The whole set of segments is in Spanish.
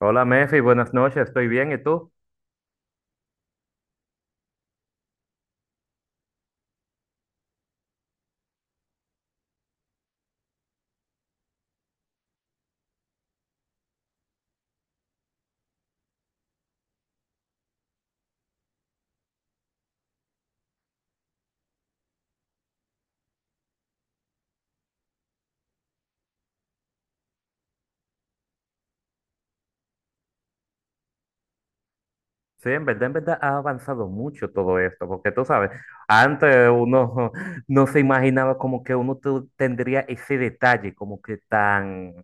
Hola Mefi, buenas noches, estoy bien, ¿y tú? Sí, en verdad ha avanzado mucho todo esto, porque tú sabes, antes uno no se imaginaba como que uno tendría ese detalle, como que tan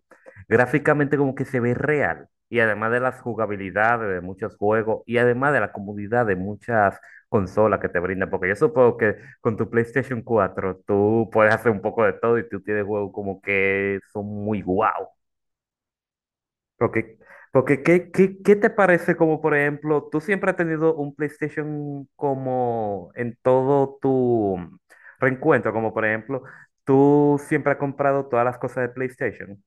gráficamente como que se ve real, y además de las jugabilidades de muchos juegos, y además de la comodidad de muchas consolas que te brindan, porque yo supongo que con tu PlayStation cuatro tú puedes hacer un poco de todo y tú tienes juegos como que son muy guau. Porque, porque ¿qué te parece como, por ejemplo, tú siempre has tenido un PlayStation como en todo tu reencuentro, como por ejemplo, tú siempre has comprado todas las cosas de PlayStation,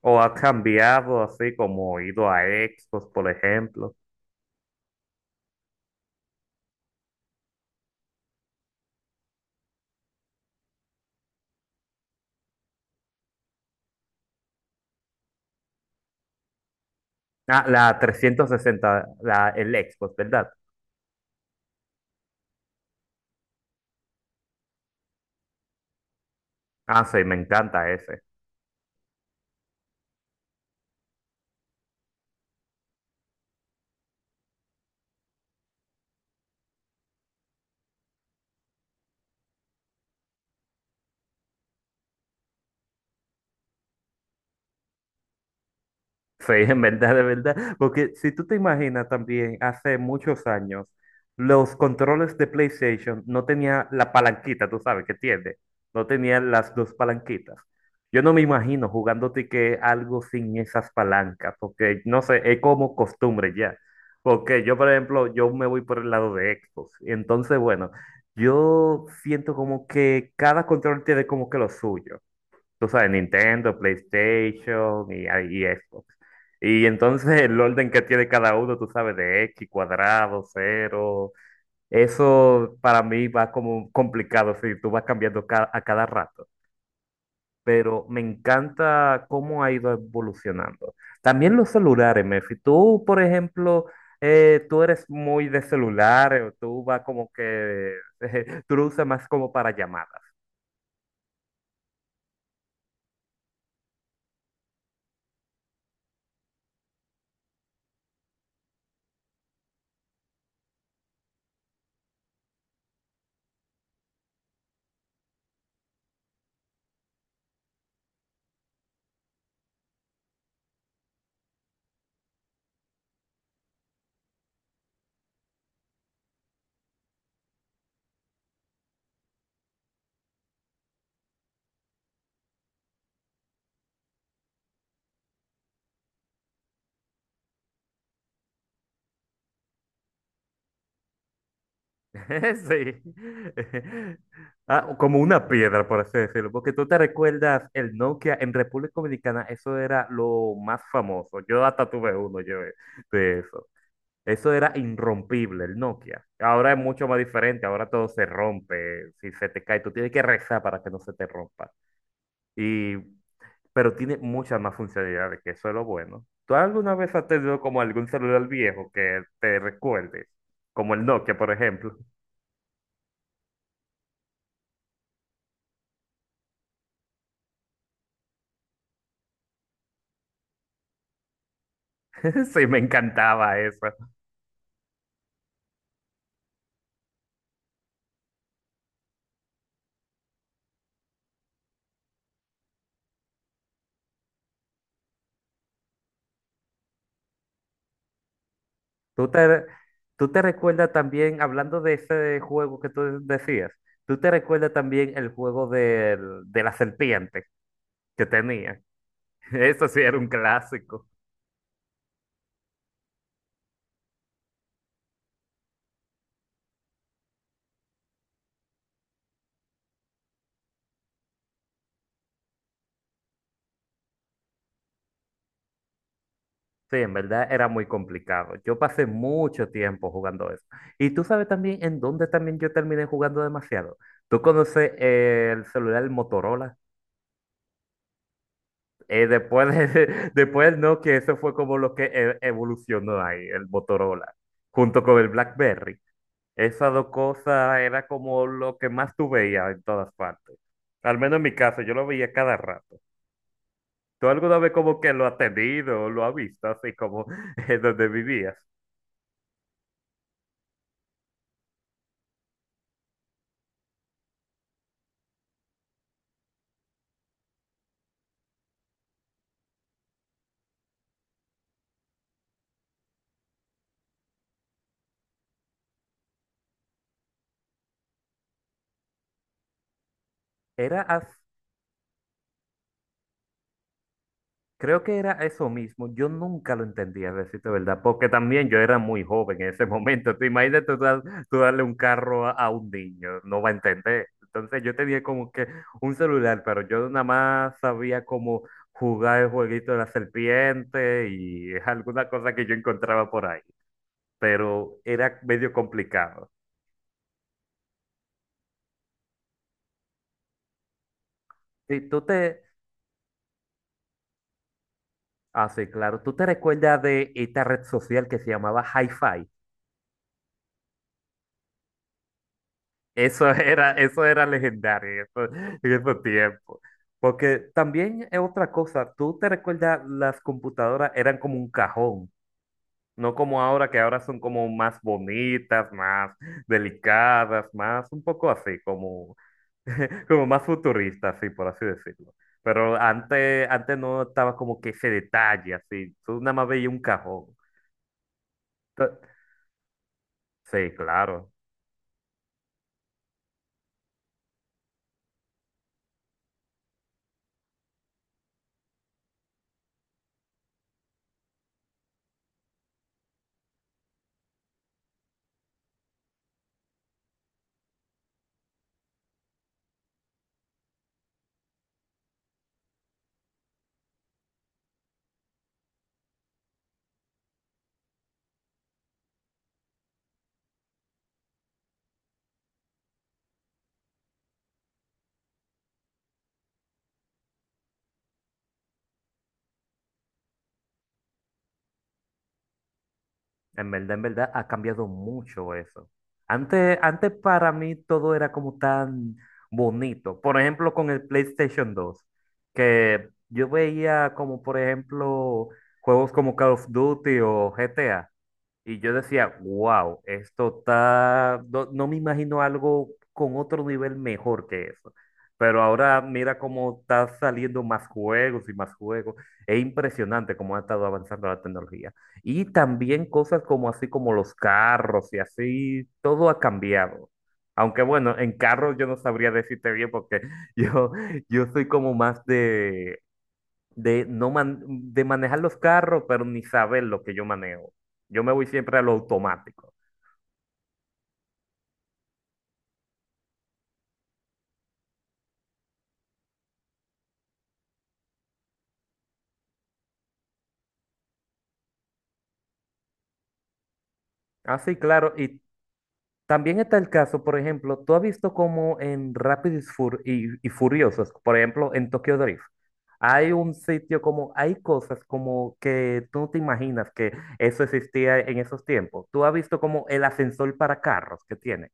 o has cambiado así como ido a Xbox, por ejemplo. Ah, la 360 el Xbox, ¿verdad? Ah, sí, me encanta ese. Sí, en verdad, de verdad. Porque si tú te imaginas también, hace muchos años, los controles de PlayStation no tenían la palanquita, tú sabes que tiene. No tenían las dos palanquitas. Yo no me imagino jugándote que algo sin esas palancas, porque no sé, es como costumbre ya. Porque yo, por ejemplo, yo me voy por el lado de Xbox. Entonces, bueno, yo siento como que cada control tiene como que lo suyo, tú sabes, Nintendo, PlayStation y, y Xbox. Y entonces el orden que tiene cada uno, tú sabes, de X cuadrado, cero, eso para mí va como complicado, si tú vas cambiando a cada rato. Pero me encanta cómo ha ido evolucionando. También los celulares, Mefi. Tú, por ejemplo, tú eres muy de celulares, o tú vas como que, tú lo usas más como para llamadas. Sí. Ah, como una piedra, por así decirlo, porque tú te recuerdas el Nokia en República Dominicana, eso era lo más famoso. Yo hasta tuve uno yo, de eso. Eso era irrompible, el Nokia. Ahora es mucho más diferente, ahora todo se rompe, si se te cae, tú tienes que rezar para que no se te rompa. Y, pero tiene muchas más funcionalidades, que eso es lo bueno. ¿Tú alguna vez has tenido como algún celular viejo que te recuerde? Como el Nokia, por ejemplo. Sí, me encantaba eso. ¿Tú te, tú te recuerdas también, hablando de ese juego que tú decías, tú te recuerdas también el juego de la serpiente que tenía? Eso sí era un clásico. Sí, en verdad era muy complicado. Yo pasé mucho tiempo jugando eso. Y tú sabes también en dónde también yo terminé jugando demasiado. ¿Tú conoces el celular Motorola? Después, después, no, que eso fue como lo que evolucionó ahí, el Motorola, junto con el BlackBerry. Esas dos cosas era como lo que más tú veías en todas partes. Al menos en mi caso, yo lo veía cada rato. ¿Tú alguna vez como que lo has tenido, lo has visto, así como en donde vivías? Era así. Creo que era eso mismo. Yo nunca lo entendía, a decirte verdad, porque también yo era muy joven en ese momento. Tú imagínate tú, tú darle un carro a un niño, no va a entender. Entonces yo tenía como que un celular, pero yo nada más sabía cómo jugar el jueguito de la serpiente y alguna cosa que yo encontraba por ahí, pero era medio complicado. Sí, tú te, sí, claro, tú te recuerdas de esta red social que se llamaba hi. Eso era legendario en en esos tiempos. Porque también es otra cosa, tú te recuerdas, las computadoras eran como un cajón, no como ahora, que ahora son como más bonitas, más delicadas, más un poco así, como, como más futuristas, así por así decirlo. Pero antes, antes no estaba como que ese detalle, así, tú nada más veías un cajón. T- Sí, claro. En verdad, ha cambiado mucho eso. Antes, antes para mí todo era como tan bonito. Por ejemplo, con el PlayStation dos, que yo veía como, por ejemplo, juegos como Call of Duty o GTA. Y yo decía, wow, esto está, no, no me imagino algo con otro nivel mejor que eso. Pero ahora mira cómo está saliendo más juegos y más juegos. Es impresionante cómo ha estado avanzando la tecnología. Y también cosas como así como los carros y así, todo ha cambiado. Aunque bueno, en carros yo no sabría decirte bien porque yo, yo soy como más de no man- de manejar los carros, pero ni saber lo que yo manejo. Yo me voy siempre a lo automático. Ah, sí, claro. Y también está el caso, por ejemplo, tú has visto como en Rápidos y, y Furiosos, por ejemplo, en Tokyo Drift, hay un sitio como, hay cosas como que tú no te imaginas que eso existía en esos tiempos. Tú has visto como el ascensor para carros que tiene.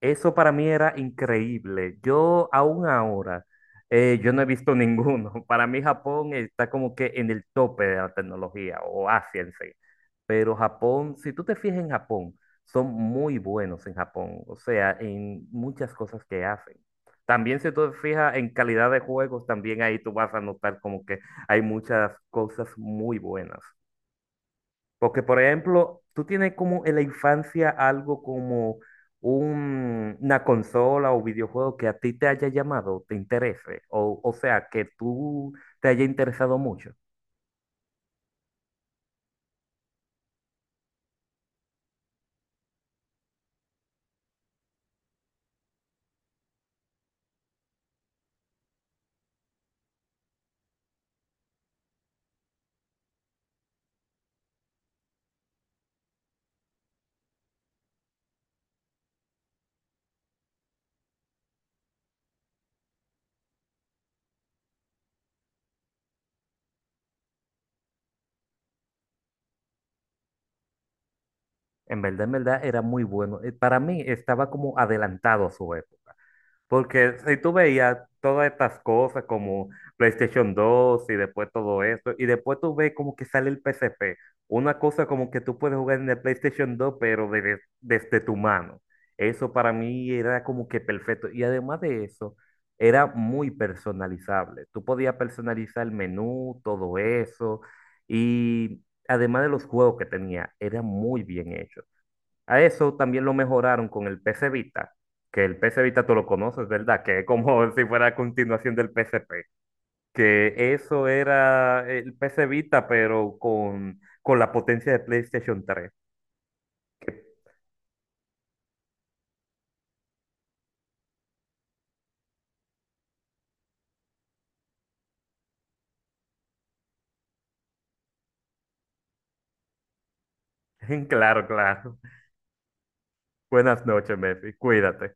Eso para mí era increíble. Yo aún ahora, yo no he visto ninguno. Para mí Japón está como que en el tope de la tecnología, o Asia en sí. Pero Japón, si tú te fijas en Japón, son muy buenos en Japón, o sea, en muchas cosas que hacen. También si tú te fijas en calidad de juegos, también ahí tú vas a notar como que hay muchas cosas muy buenas. Porque, por ejemplo, tú tienes como en la infancia algo como una consola o videojuego que a ti te haya llamado, te interese, o sea, que tú te haya interesado mucho. En verdad, era muy bueno. Para mí estaba como adelantado a su época. Porque si tú veías todas estas cosas como PlayStation dos y después todo esto, y después tú ves como que sale el PSP, una cosa como que tú puedes jugar en el PlayStation dos pero desde, desde tu mano. Eso para mí era como que perfecto. Y además de eso, era muy personalizable. Tú podías personalizar el menú, todo eso, y además de los juegos que tenía, era muy bien hecho. A eso también lo mejoraron con el PS Vita, que el PS Vita tú lo conoces, ¿verdad? Que es como si fuera a continuación del PSP, que eso era el PS Vita, pero con la potencia de PlayStation tres. Claro, claro. Buenas noches, Messi. Cuídate.